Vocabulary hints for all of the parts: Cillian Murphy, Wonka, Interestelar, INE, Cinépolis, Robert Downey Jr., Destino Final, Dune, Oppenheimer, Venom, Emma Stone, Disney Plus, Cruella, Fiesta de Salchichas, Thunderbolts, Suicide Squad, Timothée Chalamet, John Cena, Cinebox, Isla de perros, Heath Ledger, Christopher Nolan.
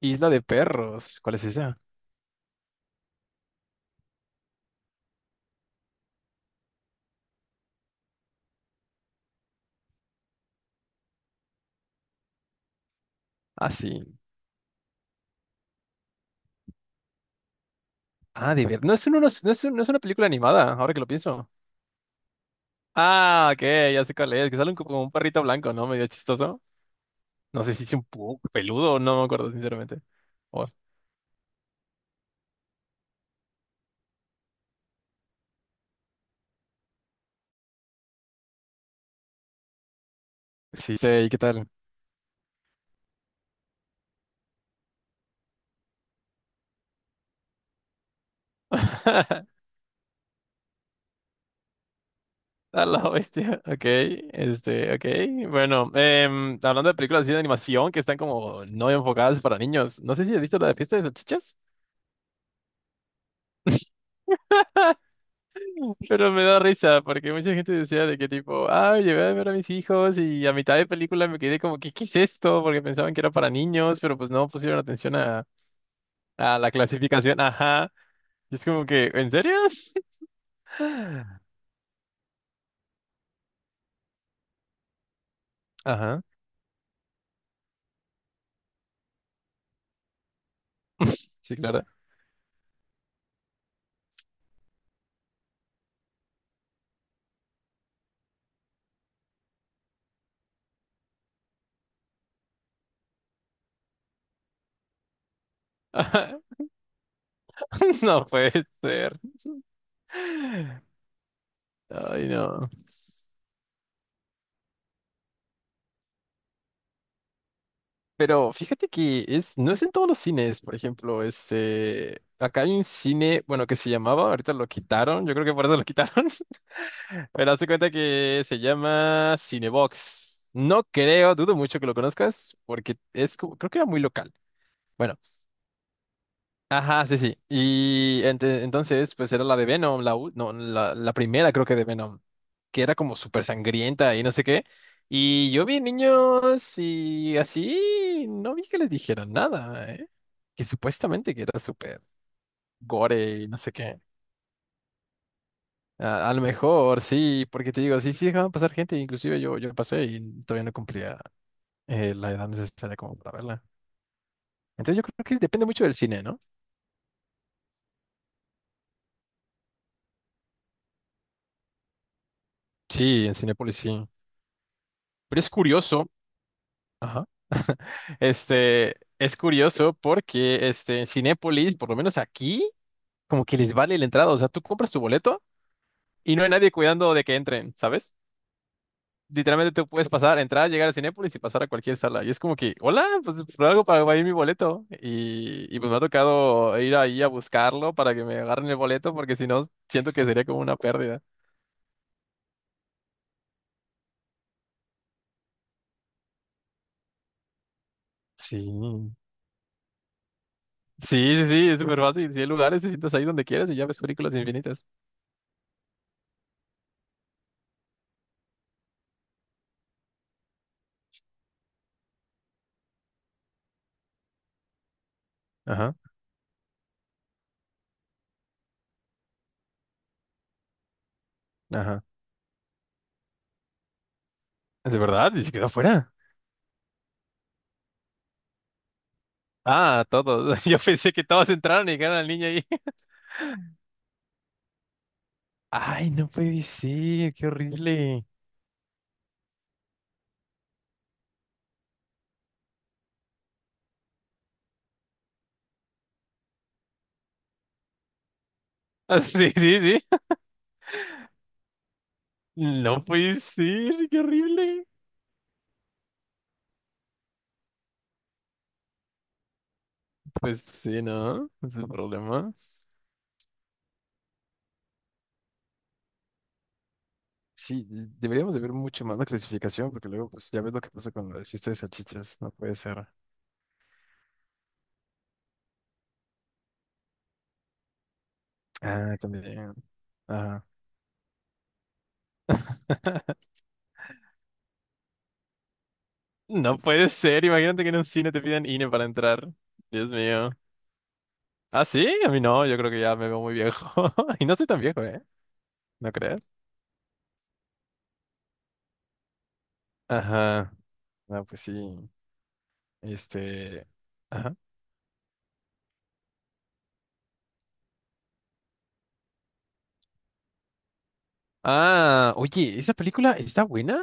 Isla de perros. ¿Cuál es esa? Ah, sí. Ah, de ver. No es, un- no es, no es un- No es una película animada, ahora que lo pienso. Ah, ok, ya sé cuál es. Que sale como un perrito blanco, ¿no? Medio chistoso. No sé si es un poco peludo, no me acuerdo, sinceramente. O- sí, sé, ¿y qué tal? A la bestia. Ok, ok. Bueno, hablando de películas así de animación que están como no enfocadas para niños. No sé si has visto la de Fiesta de Salchichas. Pero me da risa, porque mucha gente decía de que tipo, ah, llevé a ver a mis hijos y a mitad de película me quedé como, ¿qué es esto? Porque pensaban que era para niños, pero pues no pusieron atención a la clasificación, ajá. Y es como que, ¿en serio? Ajá, sí, claro. Ajá, no puede ser. Ay, no. Pero fíjate que es, no es en todos los cines, por ejemplo, acá hay un cine, bueno, que se llamaba, ahorita lo quitaron, yo creo que por eso lo quitaron. Pero hazte cuenta que se llama Cinebox. No creo, dudo mucho que lo conozcas, porque es, creo que era muy local. Bueno, ajá, sí. Y entonces, pues era la de Venom, no, la primera creo que de Venom, que era como súper sangrienta y no sé qué. Y yo vi niños y así, no vi que les dijeran nada, ¿eh? Que supuestamente que era súper gore y no sé qué. A lo mejor, sí, porque te digo, sí dejaban pasar gente, inclusive yo pasé y todavía no cumplía la edad necesaria como para verla. Entonces yo creo que depende mucho del cine, ¿no? Sí, en Cinépolis sí. Pero es curioso, ajá. Es curioso porque en Cinépolis, por lo menos aquí, como que les vale la entrada. O sea, tú compras tu boleto y no hay nadie cuidando de que entren, ¿sabes? Literalmente te puedes pasar, entrar, llegar a Cinépolis y pasar a cualquier sala. Y es como que, hola, pues por algo para ir mi boleto. Y pues me ha tocado ir ahí a buscarlo para que me agarren el boleto, porque si no, siento que sería como una pérdida. Sí. Sí, es súper fácil. Si hay lugares, te sientas ahí donde quieras y ya ves películas infinitas. Ajá, ajá. ¿De verdad? ¿Y se quedó afuera? Ah, todos. Yo pensé que todos entraron y dejaron al niño ahí. Ay, no puede ser, qué horrible. Ah, sí. No puede ser, qué horrible. Pues sí, ¿no? Ese es el problema. Sí, deberíamos de ver mucho más la clasificación, porque luego, pues ya ves lo que pasa con la fiesta de salchichas. No puede ser. Ah, también. Ajá. No puede ser. Imagínate que en un cine te pidan INE para entrar. Dios mío. Ah, sí, a mí no. Yo creo que ya me veo muy viejo. Y no soy tan viejo, ¿eh? ¿No crees? Ajá. No, pues sí. Este. Ajá. Ah, oye, ¿esa película está buena?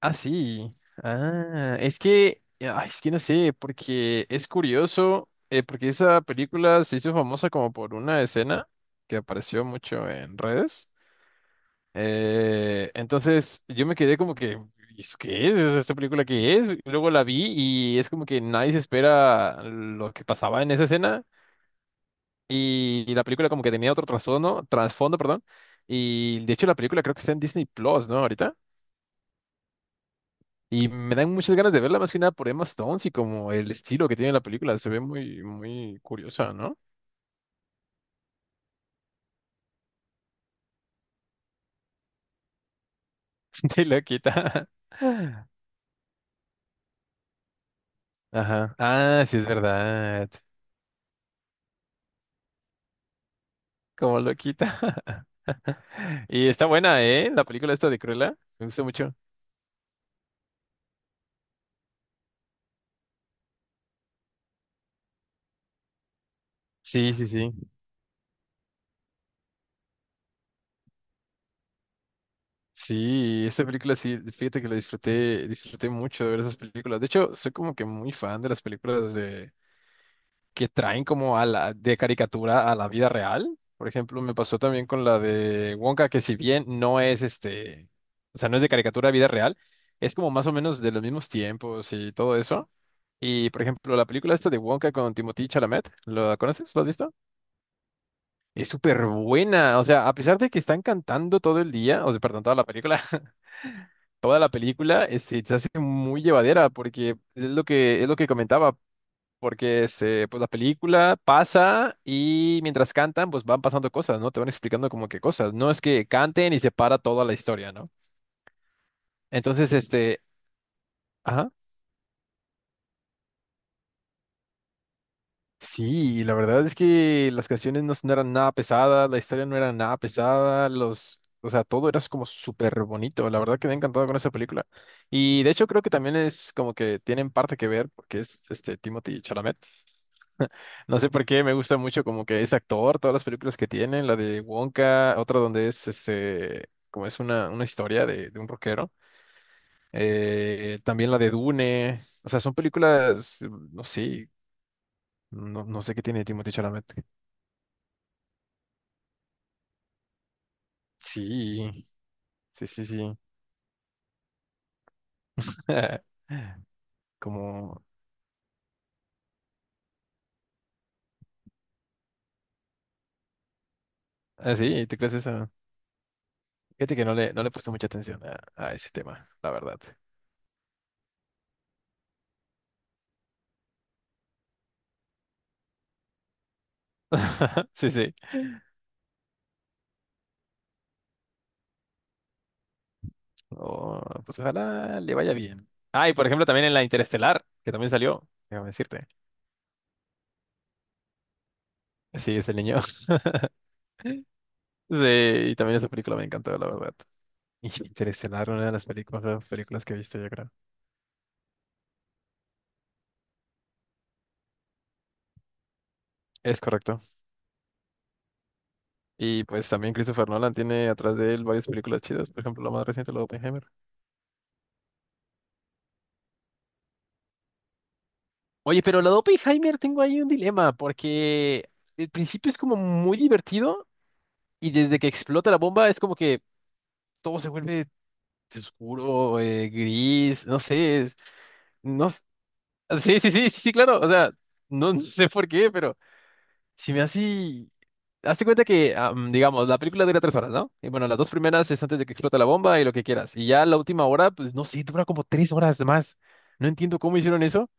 Ah, sí. Ah, es que no sé, porque es curioso, porque esa película se hizo famosa como por una escena que apareció mucho en redes. Entonces yo me quedé como que, "¿Y ¿eso qué es? ¿Esta película qué es?" Y luego la vi y es como que nadie se espera lo que pasaba en esa escena y la película como que tenía otro trasfondo, perdón. Y de hecho la película creo que está en Disney Plus, ¿no? Ahorita. Y me dan muchas ganas de verla más que nada por Emma Stone y como el estilo que tiene la película. Se ve muy curiosa, ¿no? De loquita. Ajá. Ah, sí, es verdad. Como loquita. Y está buena, ¿eh? La película esta de Cruella. Me gusta mucho. Sí, Sí, esta película sí, fíjate que la disfruté mucho de ver esas películas. De hecho, soy como que muy fan de las películas de, que traen como a la, de caricatura a la vida real. Por ejemplo, me pasó también con la de Wonka, que si bien no es o sea, no es de caricatura a vida real, es como más o menos de los mismos tiempos y todo eso. Y por ejemplo, la película esta de Wonka con Timothée Chalamet, ¿la conoces? ¿Lo has visto? Es súper buena. O sea, a pesar de que están cantando todo el día, o sea, perdón, toda la película, toda la película, se hace muy llevadera porque es lo es lo que comentaba. Porque pues la película pasa y mientras cantan, pues van pasando cosas, ¿no? Te van explicando como que cosas. No es que canten y se para toda la historia, ¿no? Entonces, ajá. Sí, la verdad es que las canciones no eran nada pesadas, la historia no era nada pesada, los, o sea, todo era como súper bonito. La verdad quedé encantado con esa película. Y de hecho creo que también es como que tienen parte que ver porque es este Timothy Chalamet. No sé por qué, me gusta mucho como que es actor, todas las películas que tiene, la de Wonka, otra donde es como es una historia de un rockero, también la de Dune, o sea, son películas, no sé, no sé qué tiene Timothée Chalamet. Sí, sí. Como, ah, sí, ¿tú crees eso? Fíjate que no no le he puesto mucha atención a ese tema, la verdad. Sí, sí. Oh, pues ojalá le vaya bien. Ah, y por ejemplo también en la Interestelar, que también salió, déjame decirte. Sí, ese niño. Sí, y también esa película me encantó, la verdad. Y Interestelar, una de las películas que he visto, yo creo. Es correcto. Y pues también Christopher Nolan tiene atrás de él varias películas chidas, por ejemplo, la más reciente, la de Oppenheimer. Oye, pero la de Oppenheimer tengo ahí un dilema, porque el principio es como muy divertido y desde que explota la bomba es como que todo se vuelve oscuro, gris, no sé, es... No, sí, claro. O sea, no sé por qué, pero si me hace. Hazte cuenta que, digamos, la película dura tres horas, ¿no? Y bueno, las dos primeras es antes de que explote la bomba y lo que quieras. Y ya la última hora, pues no sé, dura como tres horas más. No entiendo cómo hicieron eso,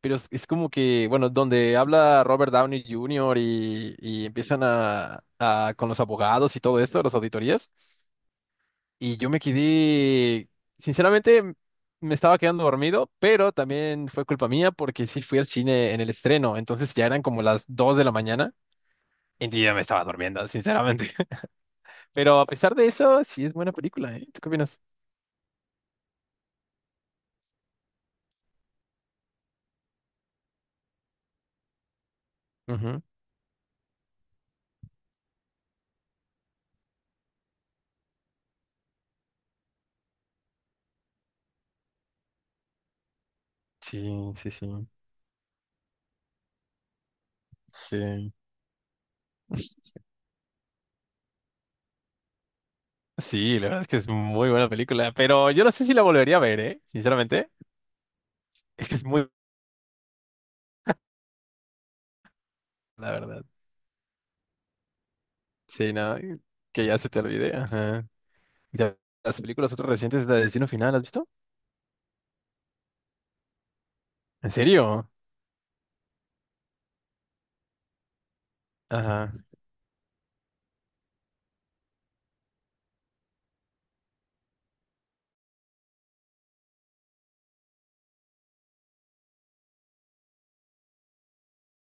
pero es como que, bueno, donde habla Robert Downey Jr. Y empiezan con los abogados y todo esto, las auditorías. Y yo me quedé, sinceramente, me estaba quedando dormido, pero también fue culpa mía porque sí fui al cine en el estreno, entonces ya eran como las 2 de la mañana y yo ya me estaba durmiendo, sinceramente. Pero a pesar de eso, sí es buena película, ¿eh? ¿Tú qué opinas? Ujú. Sí, sí, sí, sí. Sí, la verdad es que es muy buena película, pero yo no sé si la volvería a ver, ¿eh? Sinceramente, es que es muy, la verdad. Sí, no, que ya se te olvide. Ajá. Ya, las películas otras recientes de Destino Final, ¿has visto? ¿En serio? Ajá.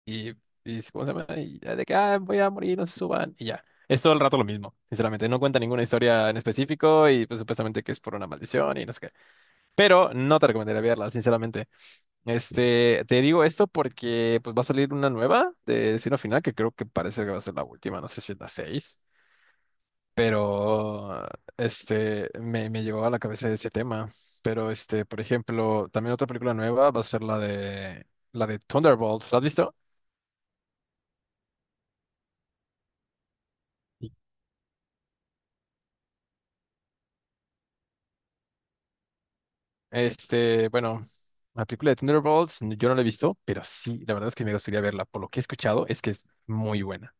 Y, y ¿cómo se llama? Y ya de que "Ah, voy a morir, no se suban." Y ya. Es todo el rato lo mismo, sinceramente. No cuenta ninguna historia en específico y pues supuestamente que es por una maldición y no sé qué. Pero no te recomendaría verla, sinceramente. Te digo esto porque pues va a salir una nueva de Destino Final que creo que parece que va a ser la última, no sé si es la 6. Pero me llegó a la cabeza ese tema. Pero por ejemplo, también otra película nueva va a ser la de Thunderbolts. ¿La has visto? Bueno, la película de Thunderbolts yo no la he visto, pero sí, la verdad es que me gustaría verla. Por lo que he escuchado es que es muy buena.